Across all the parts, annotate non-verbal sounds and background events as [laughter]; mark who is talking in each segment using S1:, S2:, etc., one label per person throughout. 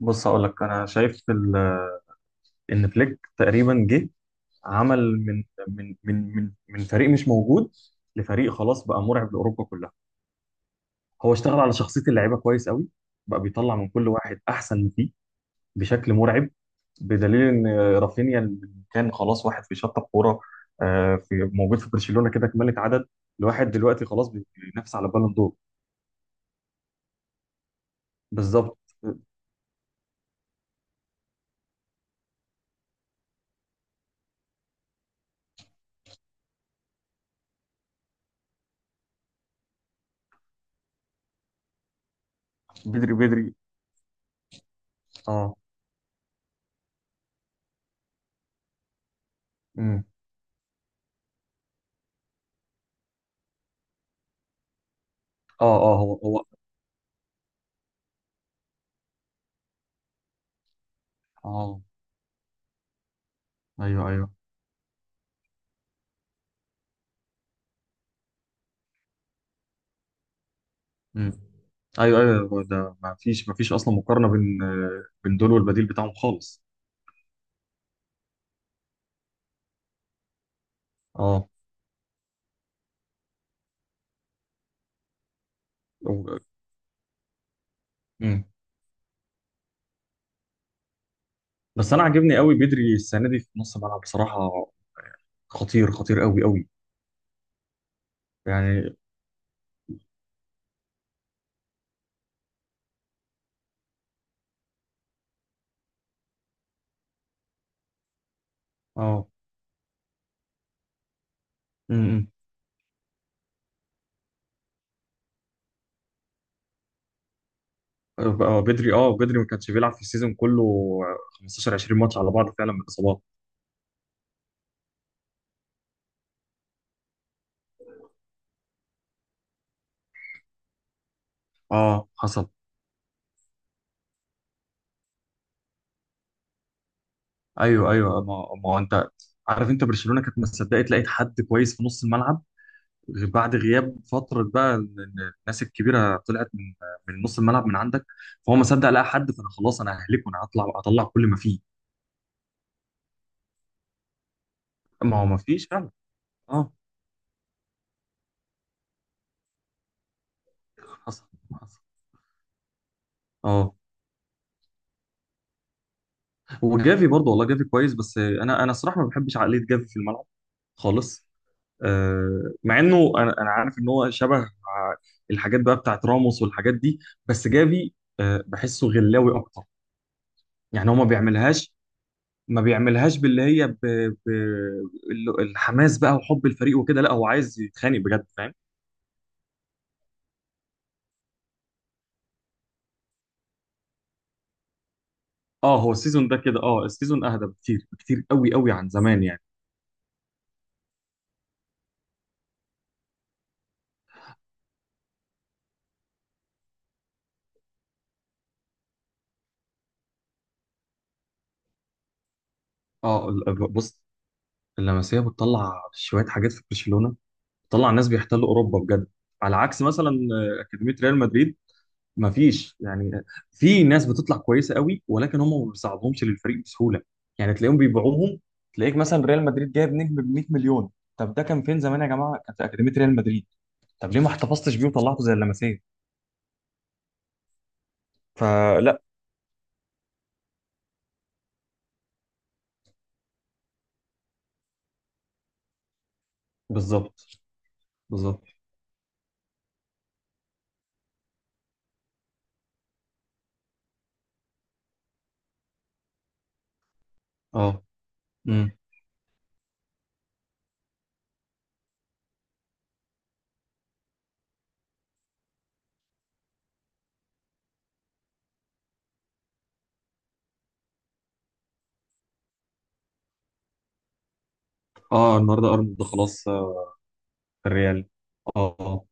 S1: بص، هقول لك انا شايف ان فليك تقريبا جه. عمل من فريق مش موجود لفريق خلاص بقى مرعب لاوروبا كلها. هو اشتغل على شخصيه اللعيبه كويس قوي، بقى بيطلع من كل واحد احسن ما فيه بشكل مرعب، بدليل ان رافينيا اللي كان خلاص واحد في شطه كوره، في موجود في برشلونه كده كمالة عدد. الواحد دلوقتي خلاص بينافس على بالون دور. بالظبط. بدري بدري اه. امم اه، اه، هو. اه، ايوه ايوه. مم. ايوه ايوه، هو ده ما فيش اصلا مقارنه بين بين دول والبديل بتاعهم خالص. اه، و- مم. بس انا عاجبني قوي بدري السنه دي في نص الملعب بصراحه، خطير خطير قوي قوي يعني. اه، امم بدري، اه، بدري ما كانش بيلعب في السيزون كله، 15 20 ماتش على بعض فعلا من الاصابات. اه حصل. ايوه ايوه، ما هو انت عارف انت برشلونه كانت مصدقه لقيت حد كويس في نص الملعب بعد غياب فترة بقى إن الناس الكبيرة طلعت من نص الملعب من عندك. فهو ما صدق لقى حد، فأنا خلاص أنا ههلكه، أنا أطلع كل ما فيه. ما هو ما فيش فعلا. أه. حصل حصل. أه. وجافي برضه والله، جافي كويس، بس أنا الصراحة ما بحبش عقلية جافي في الملعب خالص. أه، مع إنه أنا عارف إن هو شبه الحاجات بقى بتاعت راموس والحاجات دي، بس جافي، بحسه غلاوي أكتر. يعني هو ما بيعملهاش، ما بيعملهاش باللي هي ب... الحماس بقى وحب الفريق وكده. لا، هو عايز يتخانق بجد فاهم. اه، هو السيزون ده كده، السيزون اهدى بكتير بكتير قوي قوي عن زمان يعني. اه، بص، اللمسيه بتطلع شويه حاجات في برشلونه، بتطلع ناس بيحتلوا اوروبا بجد. على عكس مثلا اكاديميه ريال مدريد، ما فيش يعني، في ناس بتطلع كويسه قوي ولكن هم ما بيساعدهمش للفريق بسهوله. يعني تلاقيهم بيبيعوهم. تلاقيك مثلا ريال مدريد جايب نجم ب 100 مليون. طب ده كان فين زمان يا جماعه؟ كان في اكاديميه ريال مدريد. طب ليه ما احتفظتش بيه وطلعته زي اللمسيه؟ فلا. بالظبط. بالظبط. اه، امم اه النهارده ارنولد خلاص، في الريال. اه، آه.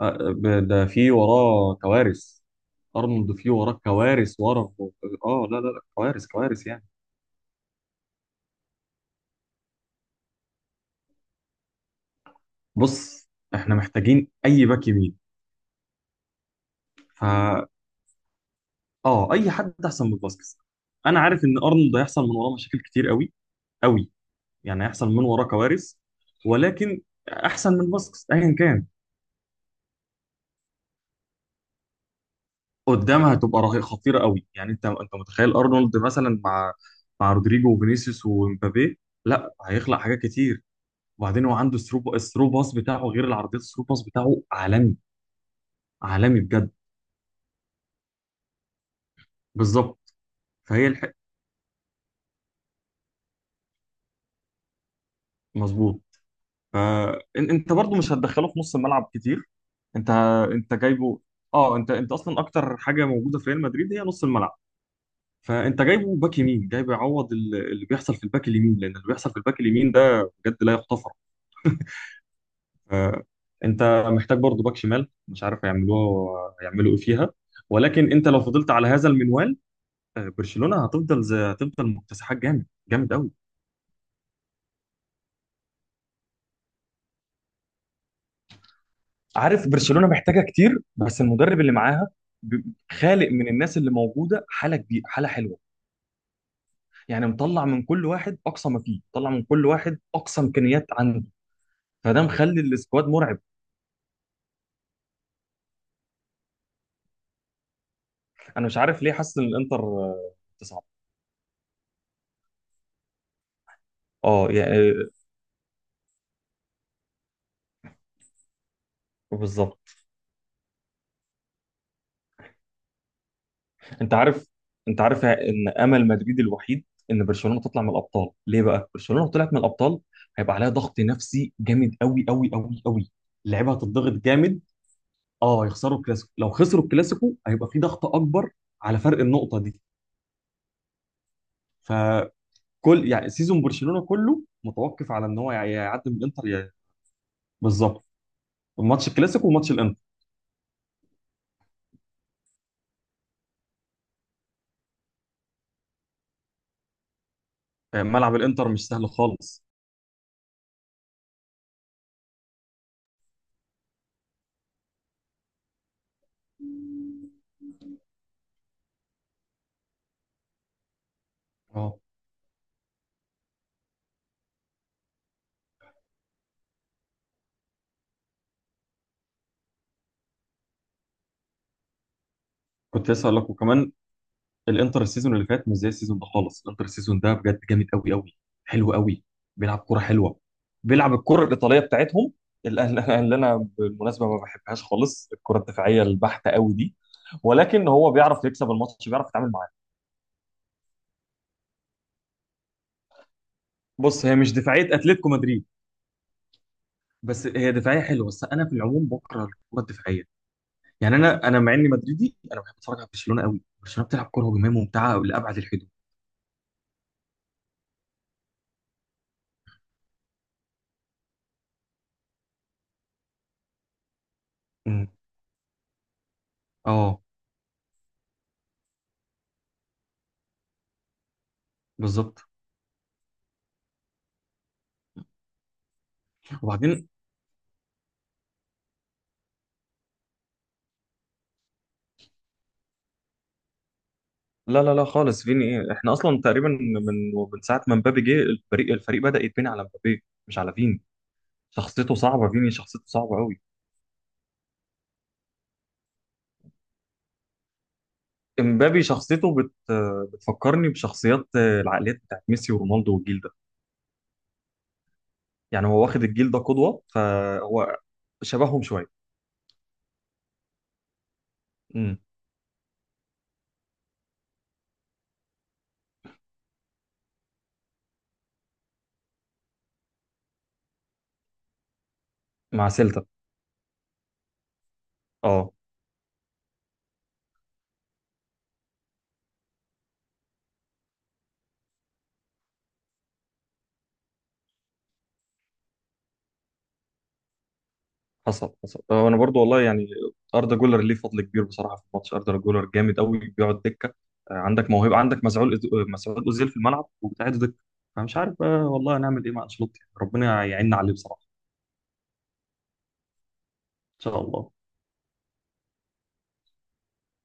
S1: ده في وراه كوارث. ارنولد في وراه كوارث ورا. اه، لا لا لا، كوارث كوارث يعني. بص، احنا محتاجين اي باك يمين. فا اه، اي حد احسن من فاسكيز. انا عارف ان ارنولد هيحصل من وراه مشاكل كتير قوي قوي، يعني هيحصل من وراه كوارث، ولكن احسن من فاسكيز ايا كان. قدامها هتبقى رهيبه خطيره قوي. يعني انت، متخيل ارنولد مثلا مع رودريجو وفينيسيوس ومبابي؟ لا، هيخلق حاجات كتير. وبعدين هو عنده الثرو باس بتاعه، غير العرضيات، الثرو باس بتاعه عالمي، عالمي بجد. بالظبط. فهي الحق. مظبوط. فانت برضو مش هتدخله في نص الملعب كتير. انت انت جايبه. اه، انت اصلا اكتر حاجه موجوده في ريال مدريد هي نص الملعب. فانت جايبه باك يمين، جايبه يعوض اللي بيحصل في الباك اليمين، لان اللي بيحصل في الباك اليمين ده بجد لا يغتفر. آه، انت محتاج برضه باك شمال، مش عارف هيعملوه، هيعملوا ايه فيها. ولكن انت لو فضلت على هذا المنوال، برشلونة هتفضل زي، هتفضل مكتسحات جامد جامد قوي. عارف برشلونه محتاجه كتير، بس المدرب اللي معاها ب- خالق من الناس اللي موجوده حاله كبيره، حاله حلوه. يعني مطلع من كل واحد اقصى ما فيه، طلع من كل واحد اقصى امكانيات عنده. فده مخلي السكواد مرعب. انا مش عارف ليه حاسس ان الانتر تصعد. اه يعني. بالظبط. انت عارف انت عارف ان امل مدريد الوحيد ان برشلونه تطلع من الابطال. ليه بقى؟ برشلونه لو طلعت من الابطال هيبقى عليها ضغط نفسي جامد قوي قوي قوي قوي. اللعيبه هتضغط جامد. اه، يخسروا الكلاسيكو، لو خسروا الكلاسيكو هيبقى في ضغط اكبر على فرق النقطه دي. فكل يعني سيزون برشلونه كله متوقف على ان هو يعدي من الانتر بالظبط. ماتش الكلاسيكو وماتش الانتر. يعني ملعب الانتر مش سهل خالص. اه، كنت لسه اقول لك، وكمان الانتر السيزون اللي فات مش زي السيزون ده خالص. الانتر السيزون ده بجد جامد قوي قوي، حلو قوي. بيلعب كرة حلوة، بيلعب الكرة الإيطالية بتاعتهم، اللي [laughs] اللي أنا بالمناسبة ما بحبهاش خالص، الكرة الدفاعية البحتة قوي دي. ولكن هو بيعرف يكسب الماتش، بيعرف يتعامل معاه. بص، هي مش دفاعية أتلتيكو مدريد، بس هي دفاعية حلوة. بس أنا في العموم بكره الكرة الدفاعية. يعني أنا مع إني مدريدي، أنا بحب أتفرج على برشلونة قوي. برشلونة بتلعب كرة هجومية ممتعة لأبعد الحدود. أمم. اه، بالظبط. وبعدين، لا لا لا خالص، فيني ايه؟ احنا اصلا تقريبا من ساعه ما مبابي جه الفريق، بدا يتبني على مبابي مش على فيني. شخصيته صعبه، فيني شخصيته صعبه قوي. امبابي شخصيته بتفكرني بشخصيات، العقليات بتاعت ميسي ورونالدو والجيل ده. يعني هو واخد الجيل ده قدوه، فهو شبههم شويه. امم مع سيلتا. اه، حصل حصل، انا برضو والله يعني اردا جولر ليه فضل كبير بصراحه في الماتش. اردا جولر جامد قوي بيقعد دكه. عندك موهبه، عندك مسعود مسعود اوزيل في الملعب وبتاعد دكه. فمش عارف بقى والله هنعمل ايه مع انشيلوتي، ربنا يعيننا عليه بصراحه. ان شاء الله.